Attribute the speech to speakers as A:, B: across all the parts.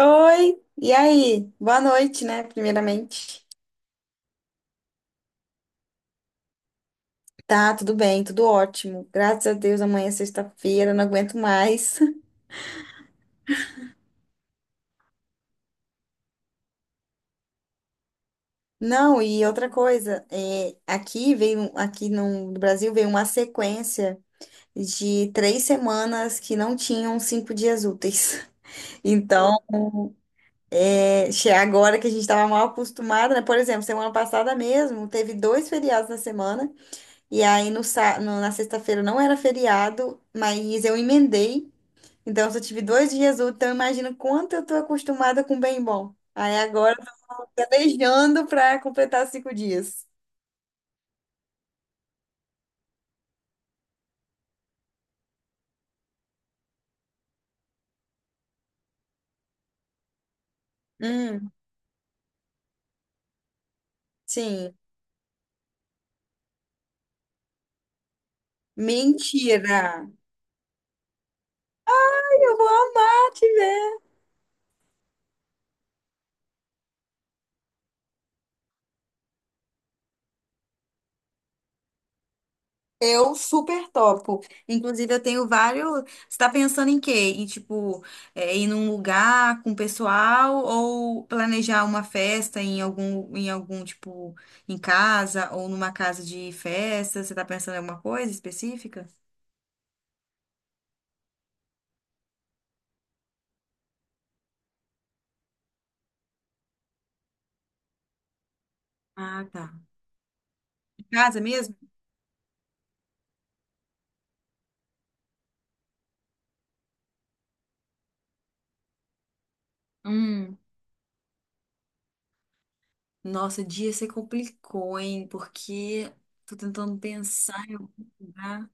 A: Oi, e aí? Boa noite, né? Primeiramente. Tá, tudo bem, tudo ótimo. Graças a Deus, amanhã é sexta-feira, não aguento mais. Não, e outra coisa, é, aqui veio, aqui no Brasil veio uma sequência de três semanas que não tinham cinco dias úteis. Então, é, agora que a gente estava mal acostumado, né? Por exemplo, semana passada mesmo, teve dois feriados na semana. E aí na sexta-feira não era feriado, mas eu emendei. Então eu só tive dois dias úteis, então eu imagino quanto eu tô acostumada com bem bom. Aí agora eu tô planejando para completar cinco dias. Hum, sim. Mentira! Eu vou amar te ver. Eu super topo. Inclusive, eu tenho vários. Você tá pensando em quê? Em, tipo, ir num lugar com o pessoal ou planejar uma festa em algum, tipo, em casa ou numa casa de festa? Você está pensando em alguma coisa específica? Ah, tá. Em casa mesmo? Hum. Nossa, dia você complicou, hein? Porque tô tentando pensar em algum lugar.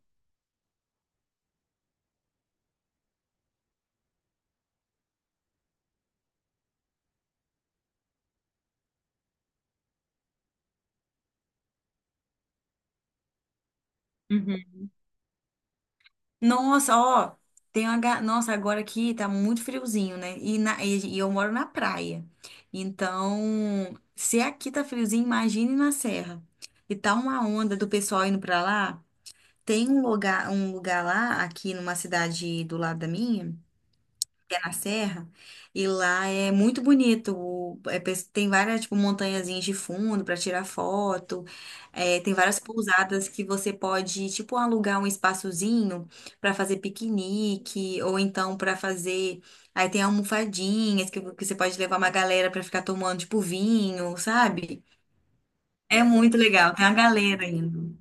A: Nossa, ó, Nossa, agora aqui tá muito friozinho, né? E eu moro na praia. Então, se aqui tá friozinho, imagine na serra. E tá uma onda do pessoal indo pra lá. Tem um lugar lá, aqui numa cidade do lado da minha é na serra, e lá é muito bonito. Tem várias, tipo, montanhazinhas de fundo para tirar foto. É, tem várias pousadas que você pode, tipo, alugar um espaçozinho para fazer piquenique, ou então para fazer. Aí tem almofadinhas que você pode levar uma galera para ficar tomando, tipo, vinho, sabe? É muito legal, tem uma galera indo.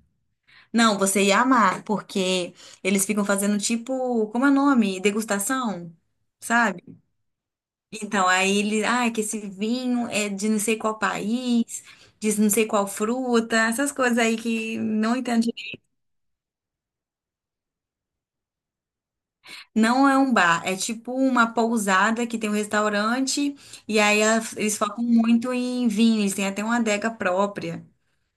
A: Não, você ia amar, porque eles ficam fazendo tipo, como é o nome? Degustação, sabe? Então, aí ele, ah, que esse vinho é de não sei qual país, de não sei qual fruta, essas coisas aí que não entendi. Não é um bar, é tipo uma pousada que tem um restaurante, e aí eles focam muito em vinho, eles têm até uma adega própria,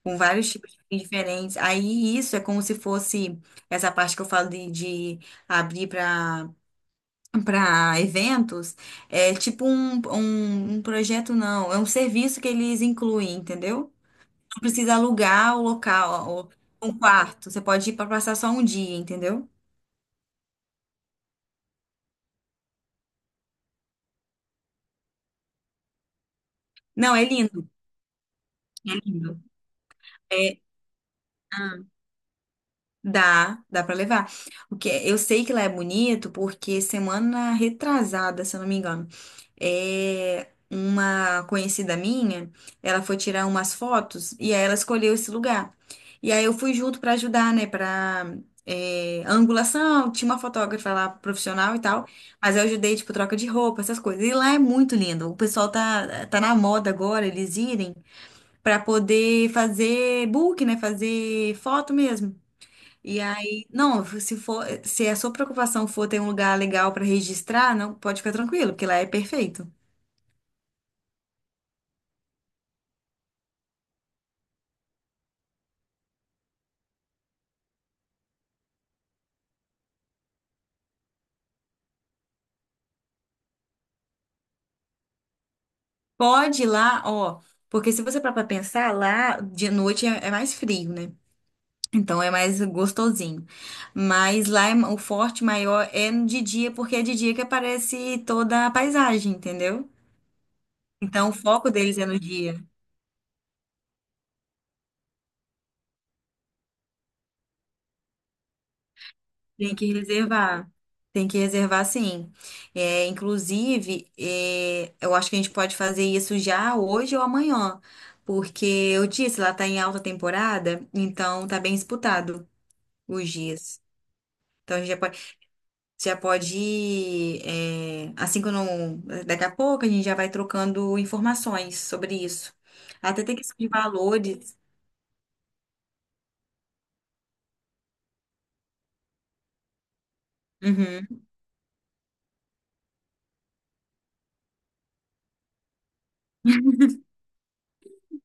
A: com vários tipos de vinhos diferentes. Aí isso é como se fosse essa parte que eu falo de abrir para. Para eventos, é tipo um projeto, não, é um serviço que eles incluem, entendeu? Não precisa alugar o local, ó, ou um quarto. Você pode ir para passar só um dia, entendeu? Não, é lindo. É lindo. É. ah, Dá, dá pra levar. O que eu sei que lá é bonito porque semana retrasada, se eu não me engano, é uma conhecida minha, ela foi tirar umas fotos e aí ela escolheu esse lugar. E aí eu fui junto pra ajudar, né, para angulação, tinha uma fotógrafa lá profissional e tal, mas eu ajudei tipo troca de roupa, essas coisas. E lá é muito lindo. O pessoal tá na moda agora eles irem pra poder fazer book, né, fazer foto mesmo. E aí, não, se for, se a sua preocupação for ter um lugar legal para registrar, não pode ficar tranquilo, porque lá é perfeito. Pode ir lá, ó, porque se você parar para pensar, lá de noite é mais frio, né? Então é mais gostosinho. Mas lá o forte maior é no de dia, porque é de dia que aparece toda a paisagem, entendeu? Então o foco deles é no dia. Tem que reservar. Tem que reservar, sim. É, inclusive, é, eu acho que a gente pode fazer isso já hoje ou amanhã, porque eu disse, lá está em alta temporada, então tá bem disputado os dias. Então a gente já pode ir, é, assim que eu não, daqui a pouco a gente já vai trocando informações sobre isso. Até tem questão de valores. Uhum.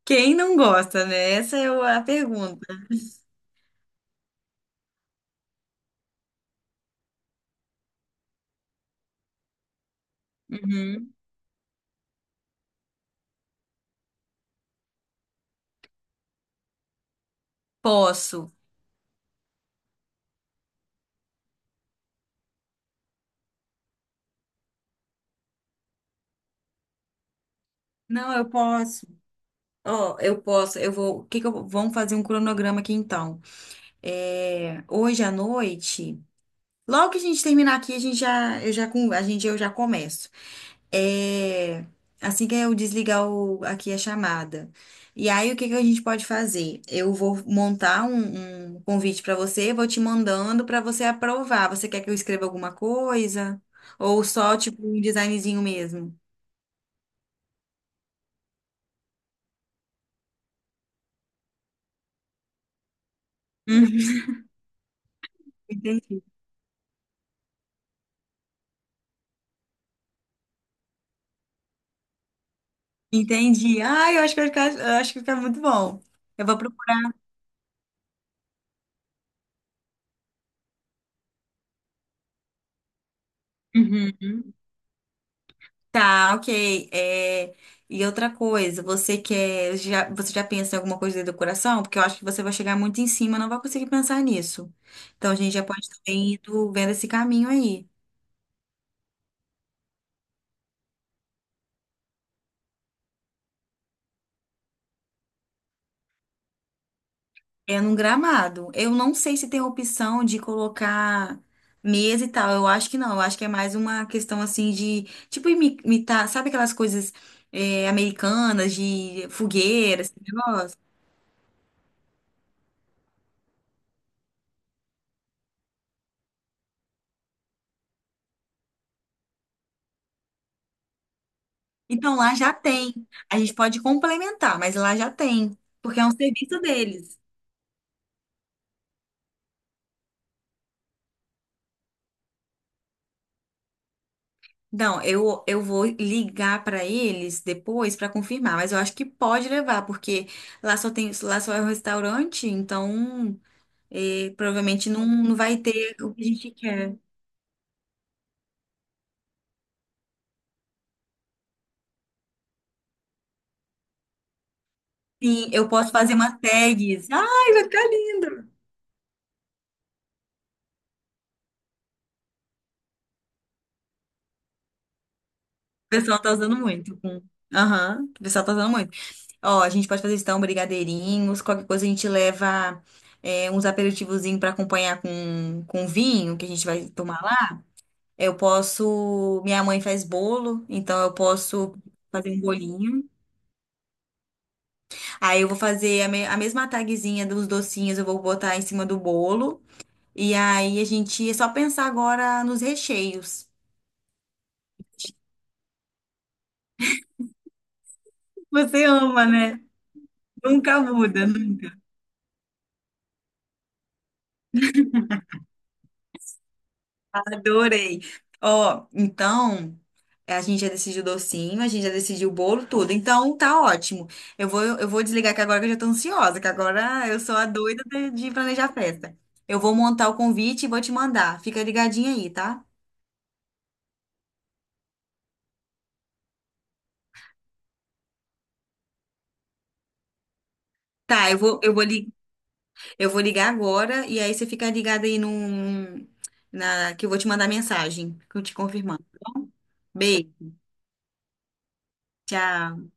A: Quem não gosta, né? Essa é a pergunta. Uhum. Posso. Não, eu posso. Ó, eu posso. Eu vou. O que que eu Vamos fazer um cronograma aqui então. É, hoje à noite, logo que a gente terminar aqui, a gente, eu já começo. É, assim que eu desligar aqui a chamada. E aí, o que que a gente pode fazer? Eu vou montar um convite para você, vou te mandando para você aprovar. Você quer que eu escreva alguma coisa? Ou só, tipo, um designzinho mesmo? Uhum. Entendi. Ah, eu acho que vai ficar muito bom. Eu vou procurar. Uhum. Tá, ok. É, e outra coisa, você já pensa em alguma coisa de decoração? Porque eu acho que você vai chegar muito em cima, não vai conseguir pensar nisso. Então a gente já pode também vendo esse caminho aí. É num gramado. Eu não sei se tem opção de colocar mesa e tal. Eu acho que não. Eu acho que é mais uma questão assim de, tipo, imitar, sabe aquelas coisas americanas de fogueira, esse negócio? Então lá já tem. A gente pode complementar, mas lá já tem, porque é um serviço deles. Não, eu vou ligar para eles depois para confirmar, mas eu acho que pode levar, porque lá só tem, lá só é um restaurante, então. E provavelmente não, não vai ter o que a gente quer. Sim, eu posso fazer uma tags. Ai, vai ficar lindo. O pessoal tá usando muito. Com- Aham, o pessoal tá usando muito. Ó, a gente pode fazer então brigadeirinhos, qualquer coisa a gente leva é, uns aperitivozinhos pra acompanhar com vinho que a gente vai tomar lá. Eu posso. Minha mãe faz bolo, então eu posso fazer um bolinho. Aí eu vou fazer a mesma tagzinha dos docinhos, eu vou botar em cima do bolo. E aí a gente é só pensar agora nos recheios. Você ama, né? Nunca muda. Adorei. Ó, então a gente já decidiu o docinho, a gente já decidiu o bolo, tudo. Então tá ótimo. Eu vou desligar que agora que eu já tô ansiosa, que agora eu sou a doida de planejar a festa. Eu vou montar o convite e vou te mandar. Fica ligadinha aí, tá? Tá, eu vou ligar agora e aí você fica ligado aí no, na, que eu vou te mandar mensagem, que eu te confirmando. Tá bom? Beijo, tchau.